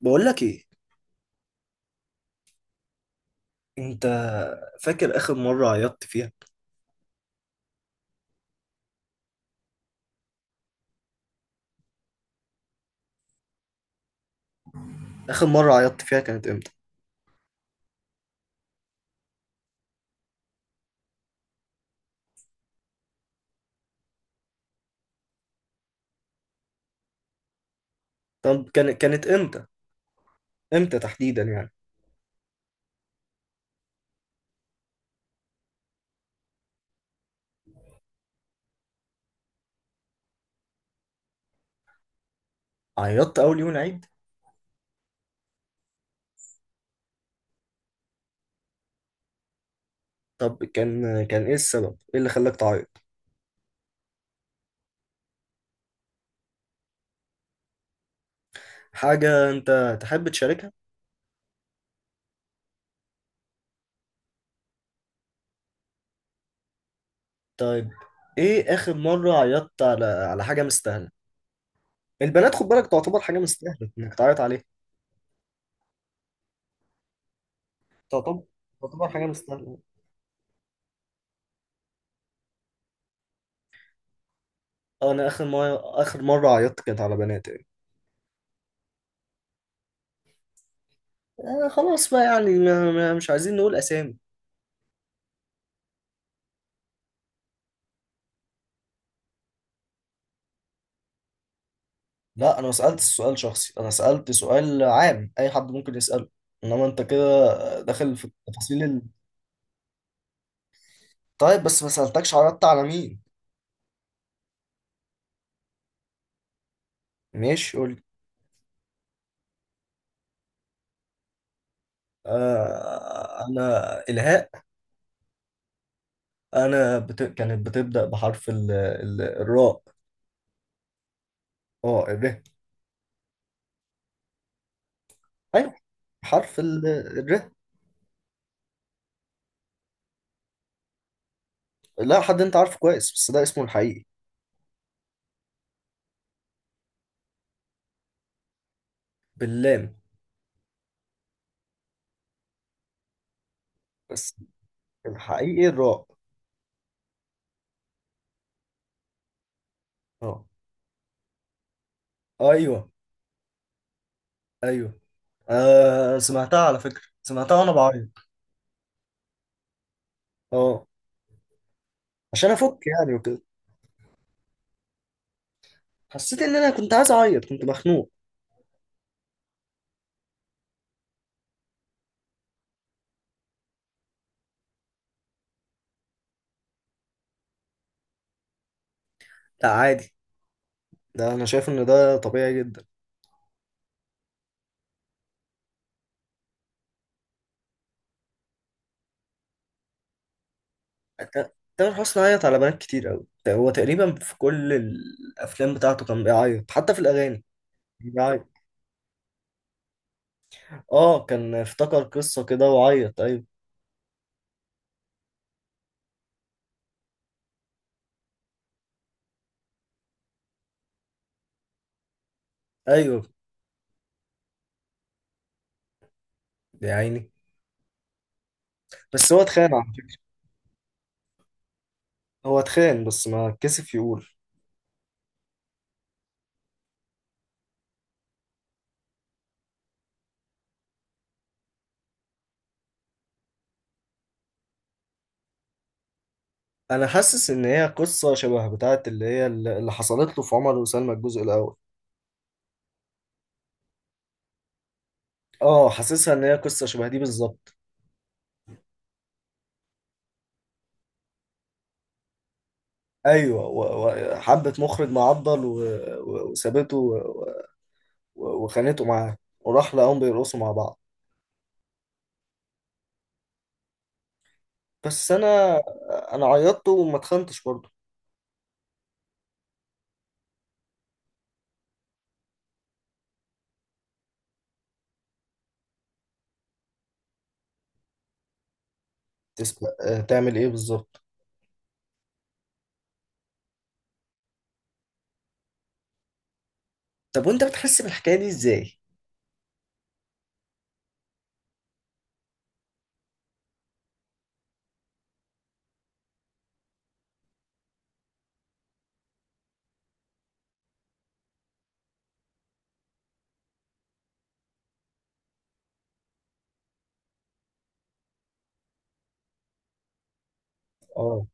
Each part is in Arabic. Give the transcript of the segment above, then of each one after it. بقول لك ايه؟ انت فاكر اخر مره عيطت فيها؟ اخر مره عيطت فيها كانت امتى؟ طب كانت امتى؟ امتى تحديدا يعني؟ عيطت اول يوم العيد؟ طب كان ايه السبب، ايه اللي خلاك تعيط؟ حاجه انت تحب تشاركها؟ طيب، ايه اخر مره عيطت على حاجه مستاهله؟ البنات خد بالك تعتبر حاجه مستاهله انك تعيط عليها؟ تعتبر تعتبر حاجه مستاهله؟ أه، انا اخر مره عيطت كانت على بنات يعني. آه خلاص بقى يعني مش عايزين نقول اسامي. لا انا ما سالتش سؤال شخصي، انا سالت سؤال عام اي حد ممكن يساله. انما انت كده داخل في التفاصيل ال... طيب بس ما سالتكش عرضت على مين. ماشي قول لي. آه انا الهاء. انا كانت بتبدا بحرف الراء. اه الره. ايوه، حرف الره. لا حد انت عارفه كويس بس ده اسمه الحقيقي. باللام. بس الحقيقي الراء. اه. ايوه. ايوه. آه سمعتها على فكره، سمعتها وانا بعيط. اه، عشان افك يعني وكده. حسيت ان انا كنت عايز اعيط، كنت مخنوق. لا عادي، ده انا شايف ان ده طبيعي جدا. تامر حسني عيط على بنات كتير قوي، هو تقريبا في كل الافلام بتاعته كان بيعيط حتى في الاغاني. كان بيعيط. اه، كان افتكر قصة كده وعيط، ايوه. ايوه. يا عيني. بس هو اتخان على فكرة. هو اتخان بس ما كسف يقول. انا حاسس ان هي قصة شبه بتاعت اللي هي اللي حصلت له في عمر وسلمى الجزء الاول. اه حاسسها ان هي قصة شبه دي بالظبط. ايوه، وحبت مخرج معضل و وسابته و وخانته معاه، وراح لقاهم بيرقصوا مع بعض. بس انا، انا عيطت وما اتخنتش برضه. تسمع تعمل ايه بالظبط؟ طب وانت بتحس بالحكايه دي ازاي؟ اه.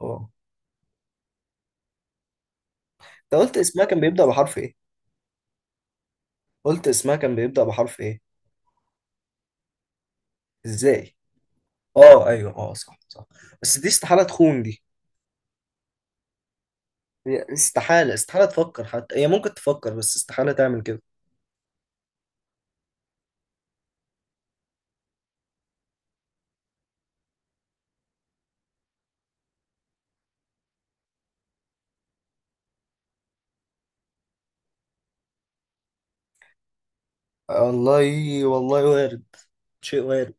اه انت قلت اسمها كان بيبدا بحرف ايه؟ قلت اسمها كان بيبدا بحرف ايه؟ ازاي؟ اه ايوه، اه صح صح. بس دي استحاله تخون دي. هي استحاله تفكر، حتى هي ممكن تفكر بس استحاله تعمل كده. والله، والله وارد، شيء وارد.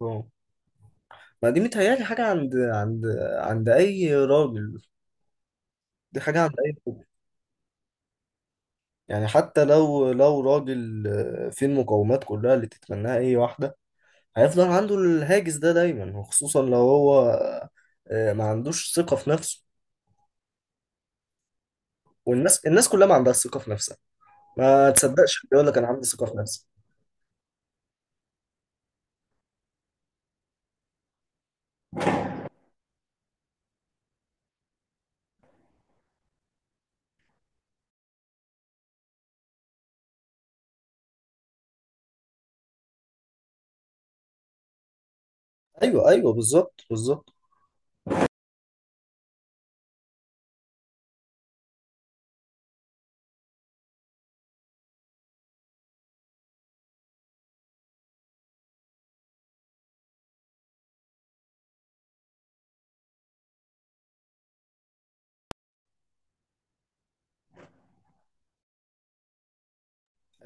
اه ما دي متهيألي حاجة عند أي راجل، دي حاجة عند أي راجل. يعني حتى لو راجل فيه المقومات كلها اللي تتمناها أي واحدة، هيفضل عنده الهاجس ده دايما، وخصوصا لو هو ما عندوش ثقة في نفسه. والناس كلها ما عندها ثقة في نفسها. ما تصدقش اللي يقول لك أنا عندي ثقة في نفسي. أيوه بالظبط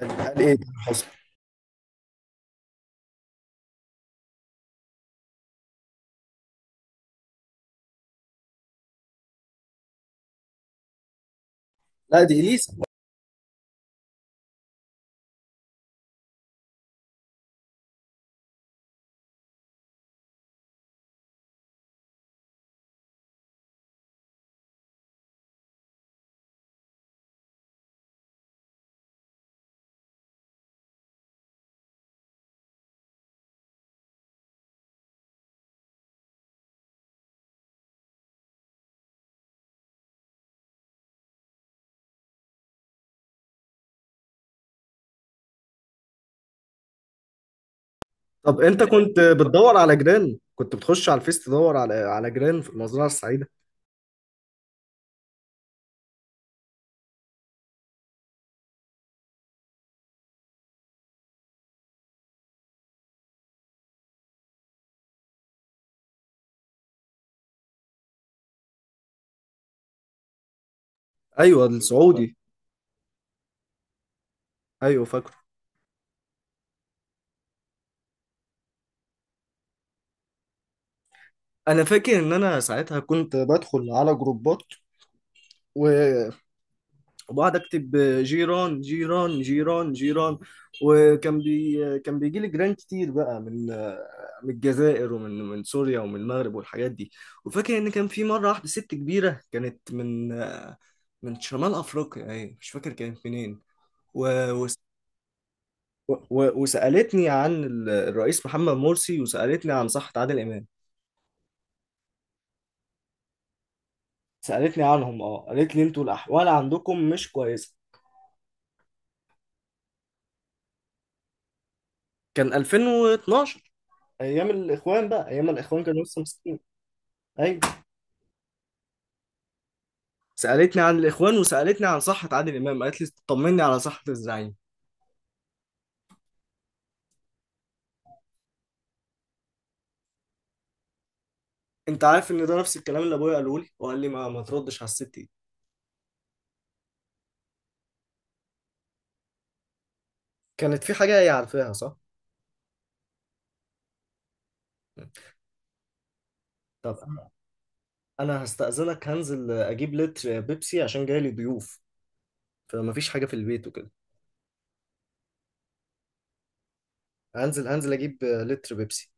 قال إيه ده حصل؟ لا دي إليسا. طب أنت كنت بتدور على جيران، كنت بتخش على الفيس تدور على جيران في المزرعة السعيدة؟ ايوه السعودي. ايوه فاكره. انا فاكر ان انا ساعتها كنت بدخل على جروبات، و- وبقعد اكتب جيران جيران جيران جيران، وكان بي كان بيجي لي جيران كتير بقى من الجزائر، ومن سوريا، ومن المغرب، والحاجات دي. وفاكر ان كان في مره واحده ست كبيره كانت من شمال افريقيا، ايه مش فاكر كانت منين. و... وس- وسالتني عن الرئيس محمد مرسي، وسالتني عن صحة عادل امام. سألتني عنهم اه، قالت لي انتوا الأحوال عندكم مش كويسة. كان 2012، أيام الإخوان بقى، أيام الإخوان كانوا لسه ماسكين. أيوة. سألتني عن الإخوان، وسألتني عن صحة عادل إمام، قالت لي طمني على صحة الزعيم. أنت عارف إن ده نفس الكلام اللي أبويا قاله لي، وقال لي ما تردش على الست دي. كانت في حاجة هي عارفاها، صح؟ طب أنا هستأذنك، هنزل أجيب لتر بيبسي عشان جاي لي ضيوف، فمفيش حاجة في البيت وكده. هنزل أجيب لتر بيبسي.